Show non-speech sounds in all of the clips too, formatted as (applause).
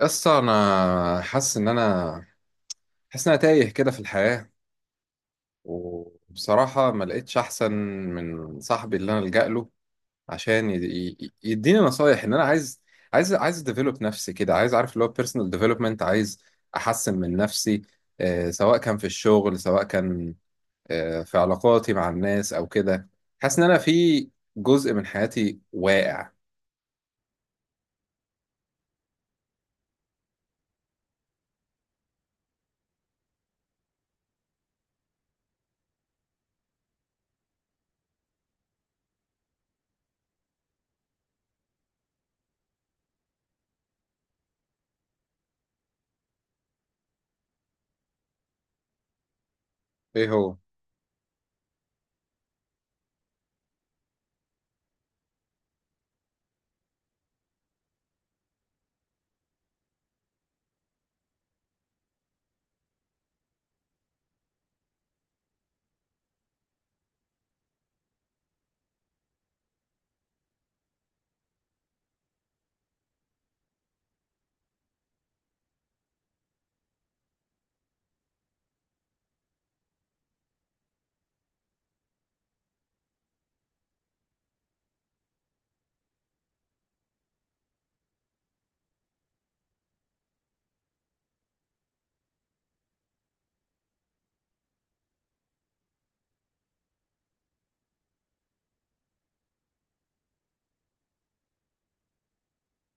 قصة أنا حاسس إن أنا تايه كده في الحياة. وبصراحة ما لقيتش أحسن من صاحبي اللي أنا ألجأ له عشان يديني نصايح. إن أنا عايز أديفلوب نفسي كده، عايز أعرف اللي هو بيرسونال ديفلوبمنت، عايز أحسن من نفسي، سواء كان في الشغل، سواء كان في علاقاتي مع الناس أو كده. حاسس إن أنا في جزء من حياتي واقع. إيه هو؟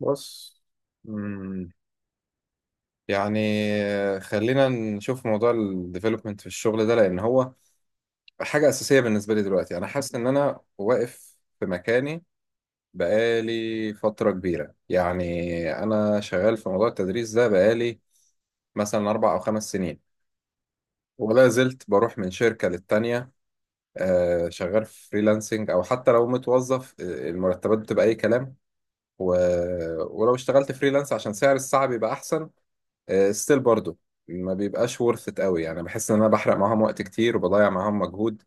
بص، يعني خلينا نشوف موضوع الديفلوبمنت في الشغل ده، لان هو حاجه اساسيه بالنسبه لي. دلوقتي انا حاسس ان انا واقف في مكاني بقالي فتره كبيره. يعني انا شغال في موضوع التدريس ده بقالي مثلا اربع او خمس سنين، ولا زلت بروح من شركه للتانيه. شغال في فريلانسنج او حتى لو متوظف، المرتبات بتبقى اي كلام. و... ولو اشتغلت فريلانس عشان سعر الساعه بيبقى احسن، ستيل برضو ما بيبقاش worth it قوي. يعني بحس ان انا بحرق معاهم وقت كتير وبضيع معاهم مجهود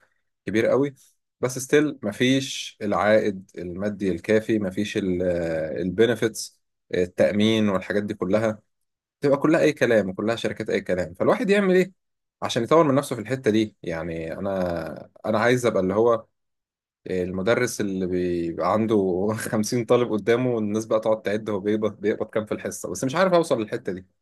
كبير قوي، بس ستيل ما فيش العائد المادي الكافي، ما فيش البنفيتس، التأمين والحاجات دي كلها تبقى كلها اي كلام، وكلها شركات اي كلام. فالواحد يعمل ايه عشان يطور من نفسه في الحتة دي؟ يعني انا عايز ابقى اللي هو المدرس اللي بيبقى عنده (laughs) 50 طالب قدامه، والناس بقى تقعد تعد هو بيقبض كام في الحصة. بس مش عارف اوصل للحتة دي.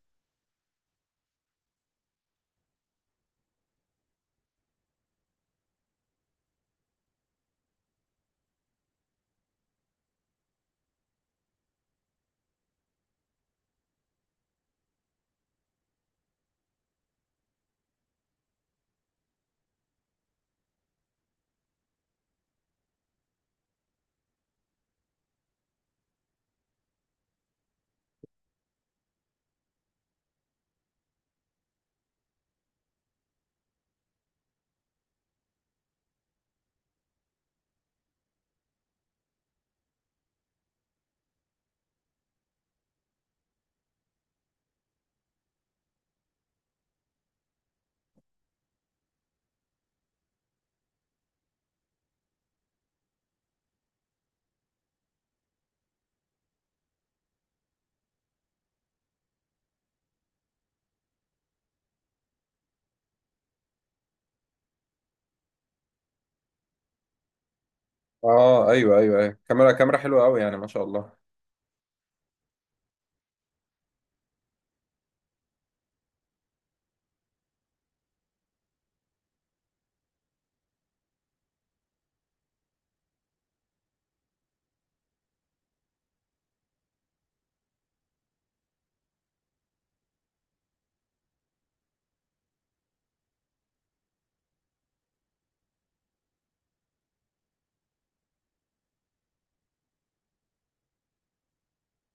اه، ايوه ايوه ايوه، كاميرا حلوه قوي يعني، ما شاء الله.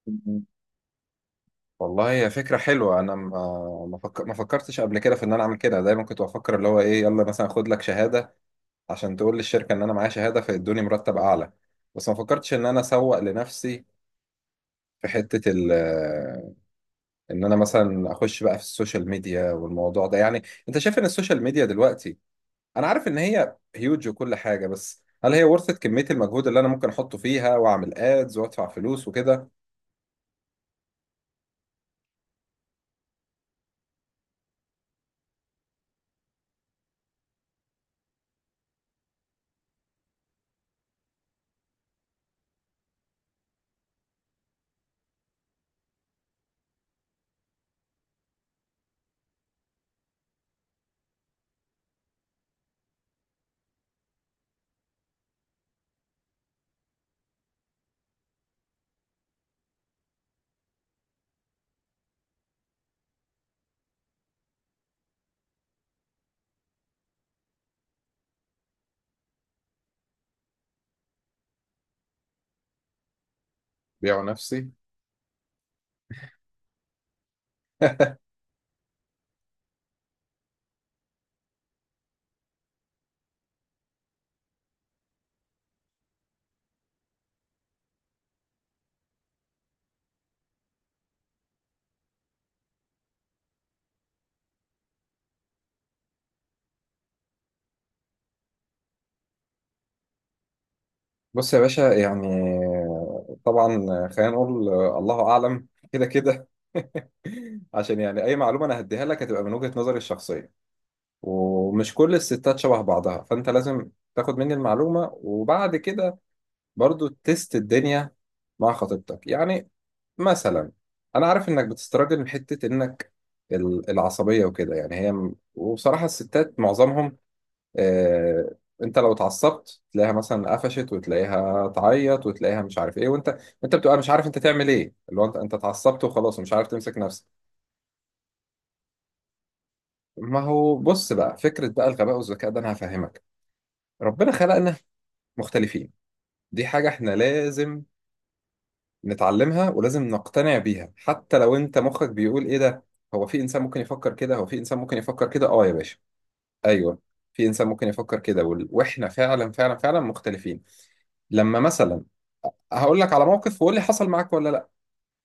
مم. والله هي فكره حلوه. انا ما ما فك- ما فكرتش قبل كده في ان انا اعمل كده. دايما كنت بفكر اللي هو ايه، يلا مثلا خد لك شهاده عشان تقول للشركه ان انا معايا شهاده فيدوني مرتب اعلى، بس ما فكرتش ان انا اسوق لنفسي في حته ال ان انا مثلا اخش بقى في السوشيال ميديا والموضوع ده. يعني انت شايف ان السوشيال ميديا دلوقتي، انا عارف ان هي هيوج وكل حاجه، بس هل هي ورثة كمية المجهود اللي أنا ممكن أحطه فيها وأعمل ادز وأدفع فلوس وكده؟ بيع نفسي. بص يا باشا، يعني طبعا، خلينا نقول الله اعلم كده كده. (laughs) عشان يعني اي معلومه انا هديها لك هتبقى من وجهه نظري الشخصيه، ومش كل الستات شبه بعضها، فانت لازم تاخد مني المعلومه وبعد كده برضو تست الدنيا مع خطيبتك. يعني مثلا انا عارف انك بتستراجل من حته انك العصبيه وكده. يعني هي، وبصراحه الستات معظمهم، آه، انت لو اتعصبت تلاقيها مثلا قفشت، وتلاقيها تعيط، وتلاقيها مش عارف ايه. وانت انت بتبقى مش عارف انت تعمل ايه، اللي هو انت اتعصبت وخلاص ومش عارف تمسك نفسك. ما هو بص بقى، فكرة بقى الغباء والذكاء ده انا هفهمك. ربنا خلقنا مختلفين، دي حاجة احنا لازم نتعلمها ولازم نقتنع بيها، حتى لو انت مخك بيقول ايه ده، هو في انسان ممكن يفكر كده. اه يا باشا. ايوه. في انسان ممكن يفكر كده، واحنا فعلا مختلفين. لما مثلا، هقول لك على موقف وقول لي حصل معاك ولا لا.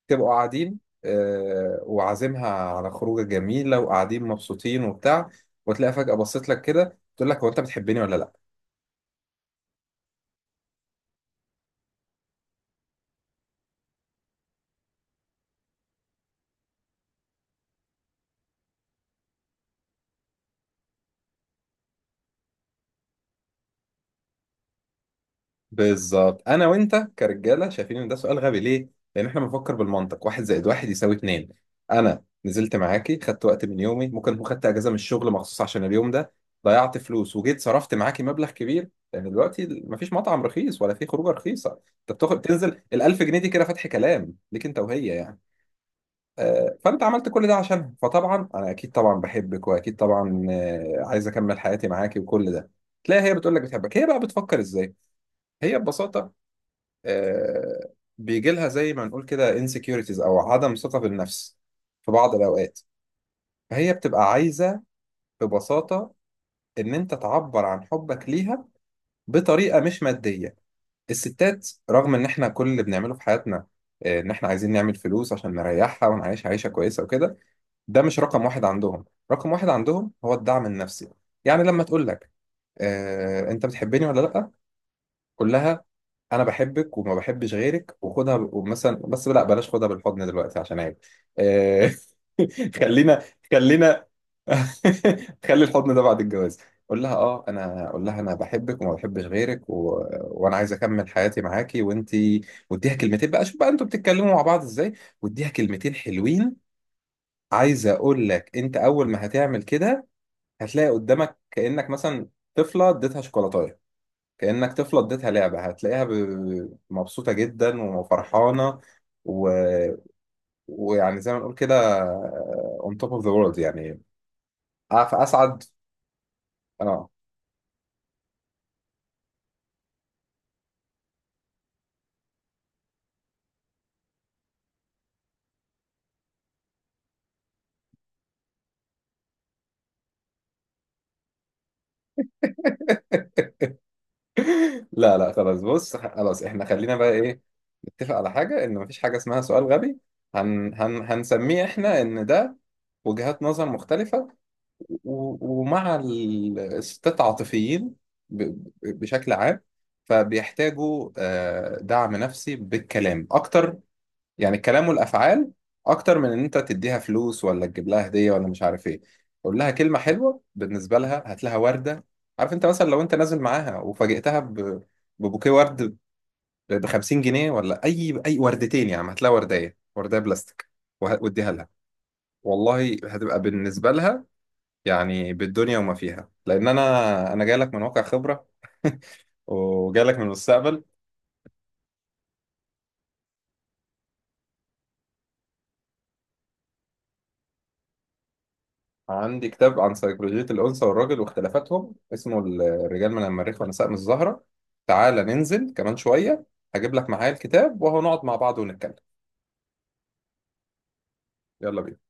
تبقوا قاعدين، وعازمها على خروجه جميله، وقاعدين مبسوطين وبتاع، وتلاقي فجاه بصيت لك كده، تقول لك هو انت بتحبني ولا لا؟ بالظبط، انا وانت كرجاله شايفين ان ده سؤال غبي. ليه؟ لان احنا بنفكر بالمنطق، واحد زائد واحد يساوي اتنين. انا نزلت معاكي، خدت وقت من يومي، ممكن اكون خدت اجازه من الشغل مخصوص عشان اليوم ده، ضيعت فلوس وجيت صرفت معاكي مبلغ كبير، لان دلوقتي مفيش مطعم رخيص ولا في خروجه رخيصه. انت بتاخد تنزل ال 1000 جنيه دي كده، فتح كلام ليك انت وهي يعني. فانت عملت كل ده عشانها، فطبعا انا اكيد طبعا بحبك، واكيد طبعا عايز اكمل حياتي معاكي وكل ده. تلاقي هي بتقول لك بتحبك؟ هي بقى بتفكر ازاي؟ هي ببساطه، آه، بيجي لها زي ما نقول كده insecurities او عدم ثقه في النفس في بعض الاوقات. فهي بتبقى عايزه ببساطه ان انت تعبر عن حبك ليها بطريقه مش ماديه. الستات، رغم ان احنا كل اللي بنعمله في حياتنا، ان احنا عايزين نعمل فلوس عشان نريحها ونعيش عيشه كويسه وكده، ده مش رقم واحد عندهم. رقم واحد عندهم هو الدعم النفسي. يعني لما تقول لك انت بتحبني ولا لا، كلها انا بحبك وما بحبش غيرك، ومثلا، بس لا، بلاش خدها بالحضن دلوقتي عشان عيب. آه، (laughs) خلينا خلينا (laughs) خلي الحضن ده بعد الجواز. قول لها اه انا، قول لها انا بحبك وما بحبش غيرك، وانا عايز اكمل حياتي معاكي وانتي، واديها كلمتين بقى. شوف بقى انتوا بتتكلموا مع بعض ازاي، واديها كلمتين حلوين. عايز اقول لك، انت اول ما هتعمل كده هتلاقي قدامك كانك مثلا طفله اديتها شوكولاته، كأنك طفلة اديتها لعبة، هتلاقيها مبسوطة جدا وفرحانة، و... ويعني زي ما نقول كده on top of the world يعني، أسعد. اه. لا لا خلاص، بص خلاص احنا خلينا بقى ايه، نتفق على حاجة ان مفيش حاجة اسمها سؤال غبي. هنسميه احنا ان ده وجهات نظر مختلفة. ومع الستات عاطفيين بشكل عام، فبيحتاجوا دعم نفسي بالكلام أكتر. يعني الكلام والافعال اكتر من ان انت تديها فلوس ولا تجيب لها هديه ولا مش عارف ايه. قول لها كلمه حلوه بالنسبه لها، هات لها ورده. عارف، انت مثلا لو انت نازل معاها وفاجئتها ببوكيه ورد ب 50 جنيه، ولا اي وردتين، يا عم هات لها ورديه بلاستيك واديها لها، والله هتبقى بالنسبه لها يعني بالدنيا وما فيها. لان انا جاي لك من واقع خبره، (laughs) وجاي لك من المستقبل. عندي كتاب عن سيكولوجية الأنثى والراجل واختلافاتهم، اسمه الرجال من المريخ ونساء من الزهرة. تعالى ننزل كمان شوية، هجيب لك معايا الكتاب، وهو نقعد مع بعض ونتكلم. يلا بينا.